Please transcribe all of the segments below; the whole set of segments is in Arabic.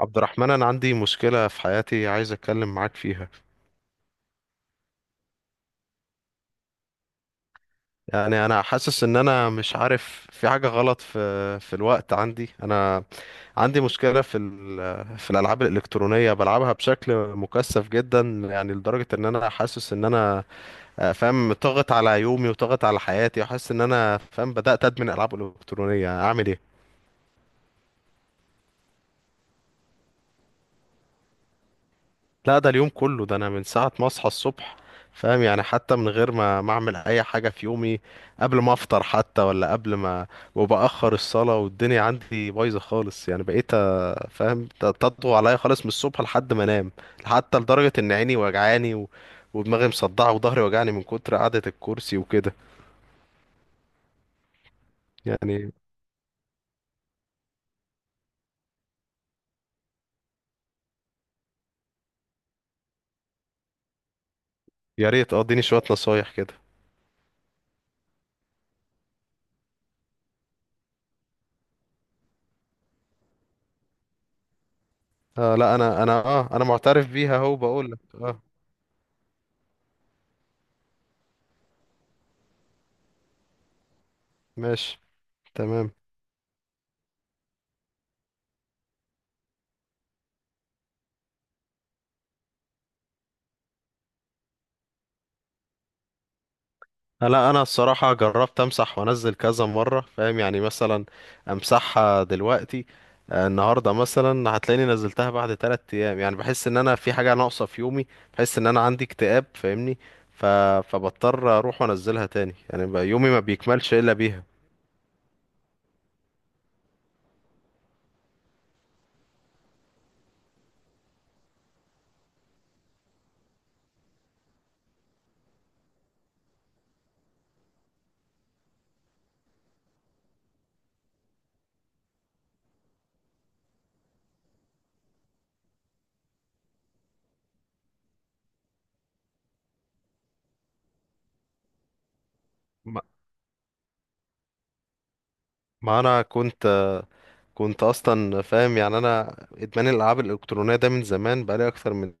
عبد الرحمن، أنا عندي مشكلة في حياتي عايز أتكلم معاك فيها. أنا حاسس إن أنا مش عارف، في حاجة غلط في الوقت عندي. أنا عندي مشكلة في الألعاب الإلكترونية، بلعبها بشكل مكثف جدا، يعني لدرجة إن أنا حاسس إن أنا فاهم، طاغت على يومي وطاغت على حياتي، وحاسس إن أنا فاهم بدأت أدمن ألعاب إلكترونية. أعمل إيه؟ لا، ده اليوم كله. ده انا من ساعة ما اصحى الصبح، فاهم، يعني حتى من غير ما اعمل اي حاجة في يومي، قبل ما افطر حتى، ولا قبل ما وبأخر الصلاة. والدنيا عندي بايظة خالص، يعني بقيت فاهم، تطغو عليا خالص من الصبح لحد ما انام. حتى لدرجة ان عيني وجعاني ودماغي مصدعة وظهري وجعني من كتر قعدة الكرسي وكده يعني. يا ريت اه اديني شوية نصايح كده. آه، لا انا معترف بيها، اهو بقول لك اه. ماشي. تمام. لا، انا الصراحه جربت امسح وانزل كذا مره، فاهم، يعني مثلا امسحها دلوقتي، آه، النهارده مثلا هتلاقيني نزلتها بعد 3 ايام. يعني بحس ان انا في حاجه ناقصه في يومي، بحس ان انا عندي اكتئاب، فاهمني؟ ف... فبضطر اروح وانزلها تاني، يعني يومي ما بيكملش الا بيها. ما ما انا كنت كنت اصلا، فاهم، يعني انا ادمان الالعاب الالكترونيه ده من زمان، بقالي اكتر من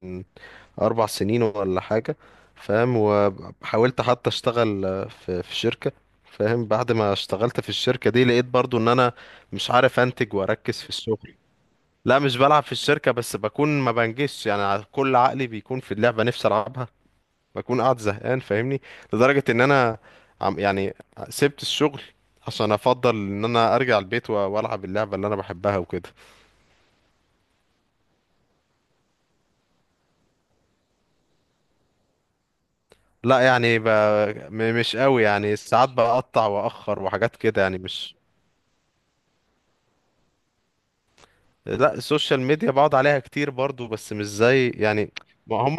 أربع سنين ولا حاجة، فاهم. وحاولت حتى أشتغل في شركة، فاهم. بعد ما اشتغلت في الشركة دي لقيت برضو إن أنا مش عارف أنتج وأركز في الشغل. لا، مش بلعب في الشركة، بس بكون ما بنجزش، يعني كل عقلي بيكون في اللعبة، نفسي ألعبها، بكون قاعد زهقان، فاهمني؟ لدرجة إن أنا يعني سبت الشغل عشان أفضل إن أنا أرجع البيت وألعب اللعبة اللي أنا بحبها وكده. لا, مش قوي، يعني ساعات بقطع واخر وحاجات كده، يعني مش. لا، السوشيال ميديا بقعد عليها كتير برضو، بس مش زي يعني. ما هم.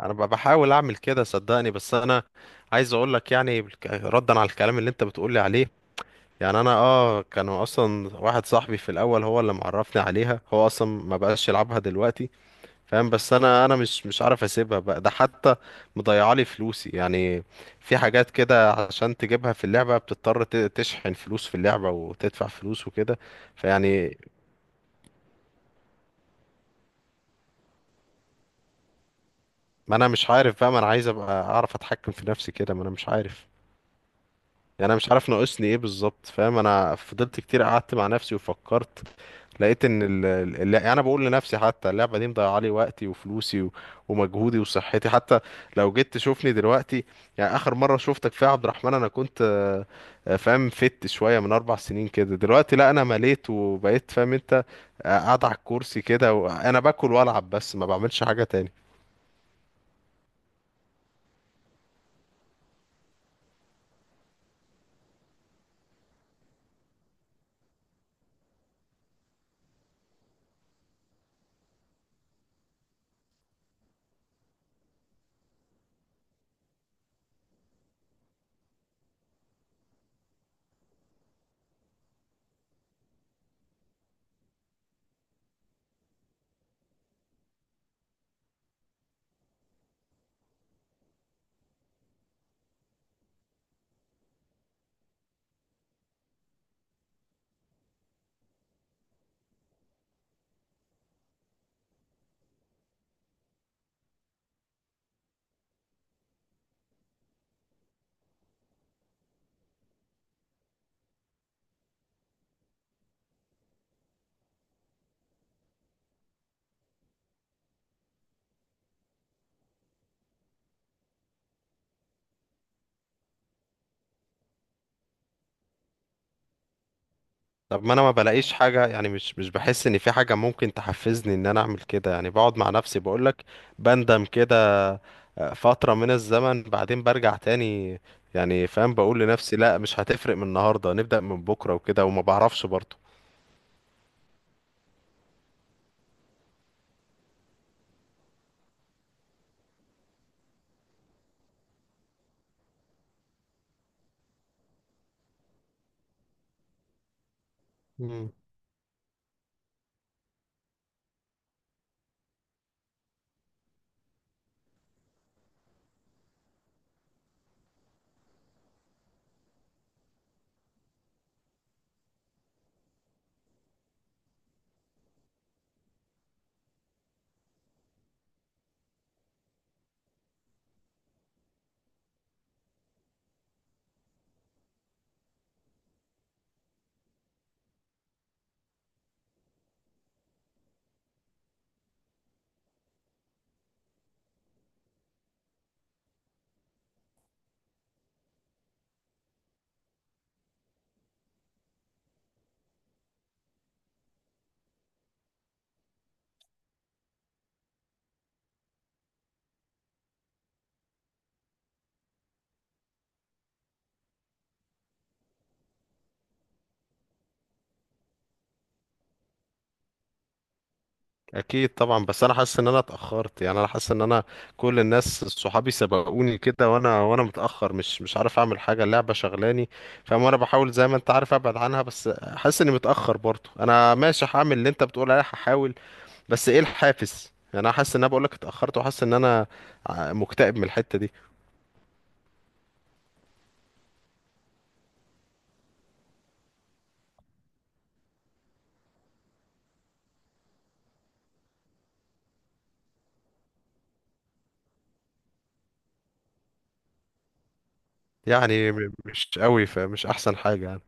انا بحاول اعمل كده صدقني، بس انا عايز اقول لك يعني ردا على الكلام اللي انت بتقولي عليه. يعني انا اه كانوا اصلا، واحد صاحبي في الاول هو اللي معرفني عليها، هو اصلا ما بقاش يلعبها دلوقتي، فاهم. بس انا، انا مش عارف اسيبها بقى. ده حتى مضيعه لي فلوسي يعني، في حاجات كده عشان تجيبها في اللعبة بتضطر تشحن فلوس في اللعبة وتدفع فلوس وكده. فيعني ما انا مش عارف بقى، ما انا عايز ابقى اعرف اتحكم في نفسي كده، ما انا مش عارف. يعني انا مش عارف ناقصني ايه بالظبط، فاهم. انا فضلت كتير قعدت مع نفسي وفكرت، لقيت ان يعني انا بقول لنفسي حتى اللعبه دي مضيعه لي وقتي وفلوسي ومجهودي وصحتي حتى. لو جيت تشوفني دلوقتي، يعني اخر مره شفتك فيها يا عبد الرحمن انا كنت فاهم، فت شويه من اربع سنين كده. دلوقتي لا، انا مليت وبقيت، فاهم انت، قاعد على الكرسي كده وانا باكل والعب، بس ما بعملش حاجه تاني. طب ما انا ما بلاقيش حاجة، يعني مش بحس ان في حاجة ممكن تحفزني ان انا اعمل كده. يعني بقعد مع نفسي بقولك بندم كده فترة من الزمن، بعدين برجع تاني، يعني فاهم، بقول لنفسي لا مش هتفرق، من النهاردة نبدأ، من بكرة وكده، وما بعرفش برضه. اكيد طبعا، بس انا حاسس ان انا اتاخرت، يعني انا حاسس ان انا كل الناس صحابي سبقوني كده، وانا متاخر، مش عارف اعمل حاجه، اللعبه شغلاني، فاهم. وانا بحاول زي ما انت عارف ابعد عنها، بس حاسس اني متاخر برضه. انا ماشي هعمل اللي انت بتقول عليه، هحاول، بس ايه الحافز؟ يعني انا حاسس ان انا بقول لك اتاخرت، وحاسس ان انا مكتئب من الحته دي. يعني مش قوي، فمش احسن حاجه يعني.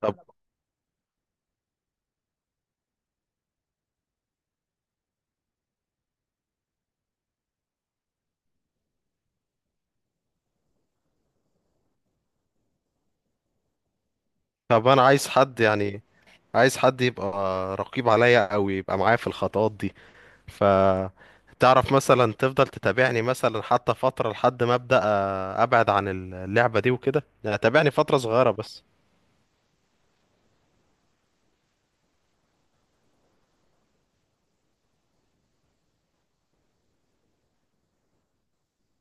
طب طب انا عايز حد يعني، عايز حد يبقى رقيب عليا، او يبقى معايا في الخطوات دي. ف تعرف مثلا تفضل تتابعني مثلا حتى فترة لحد ما أبدأ أبعد عن اللعبة دي وكده، يعني تابعني فترة صغيرة بس.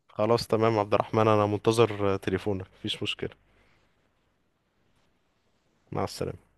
خلاص تمام يا عبد الرحمن، أنا منتظر تليفونك، مفيش مشكلة. مع السلامة.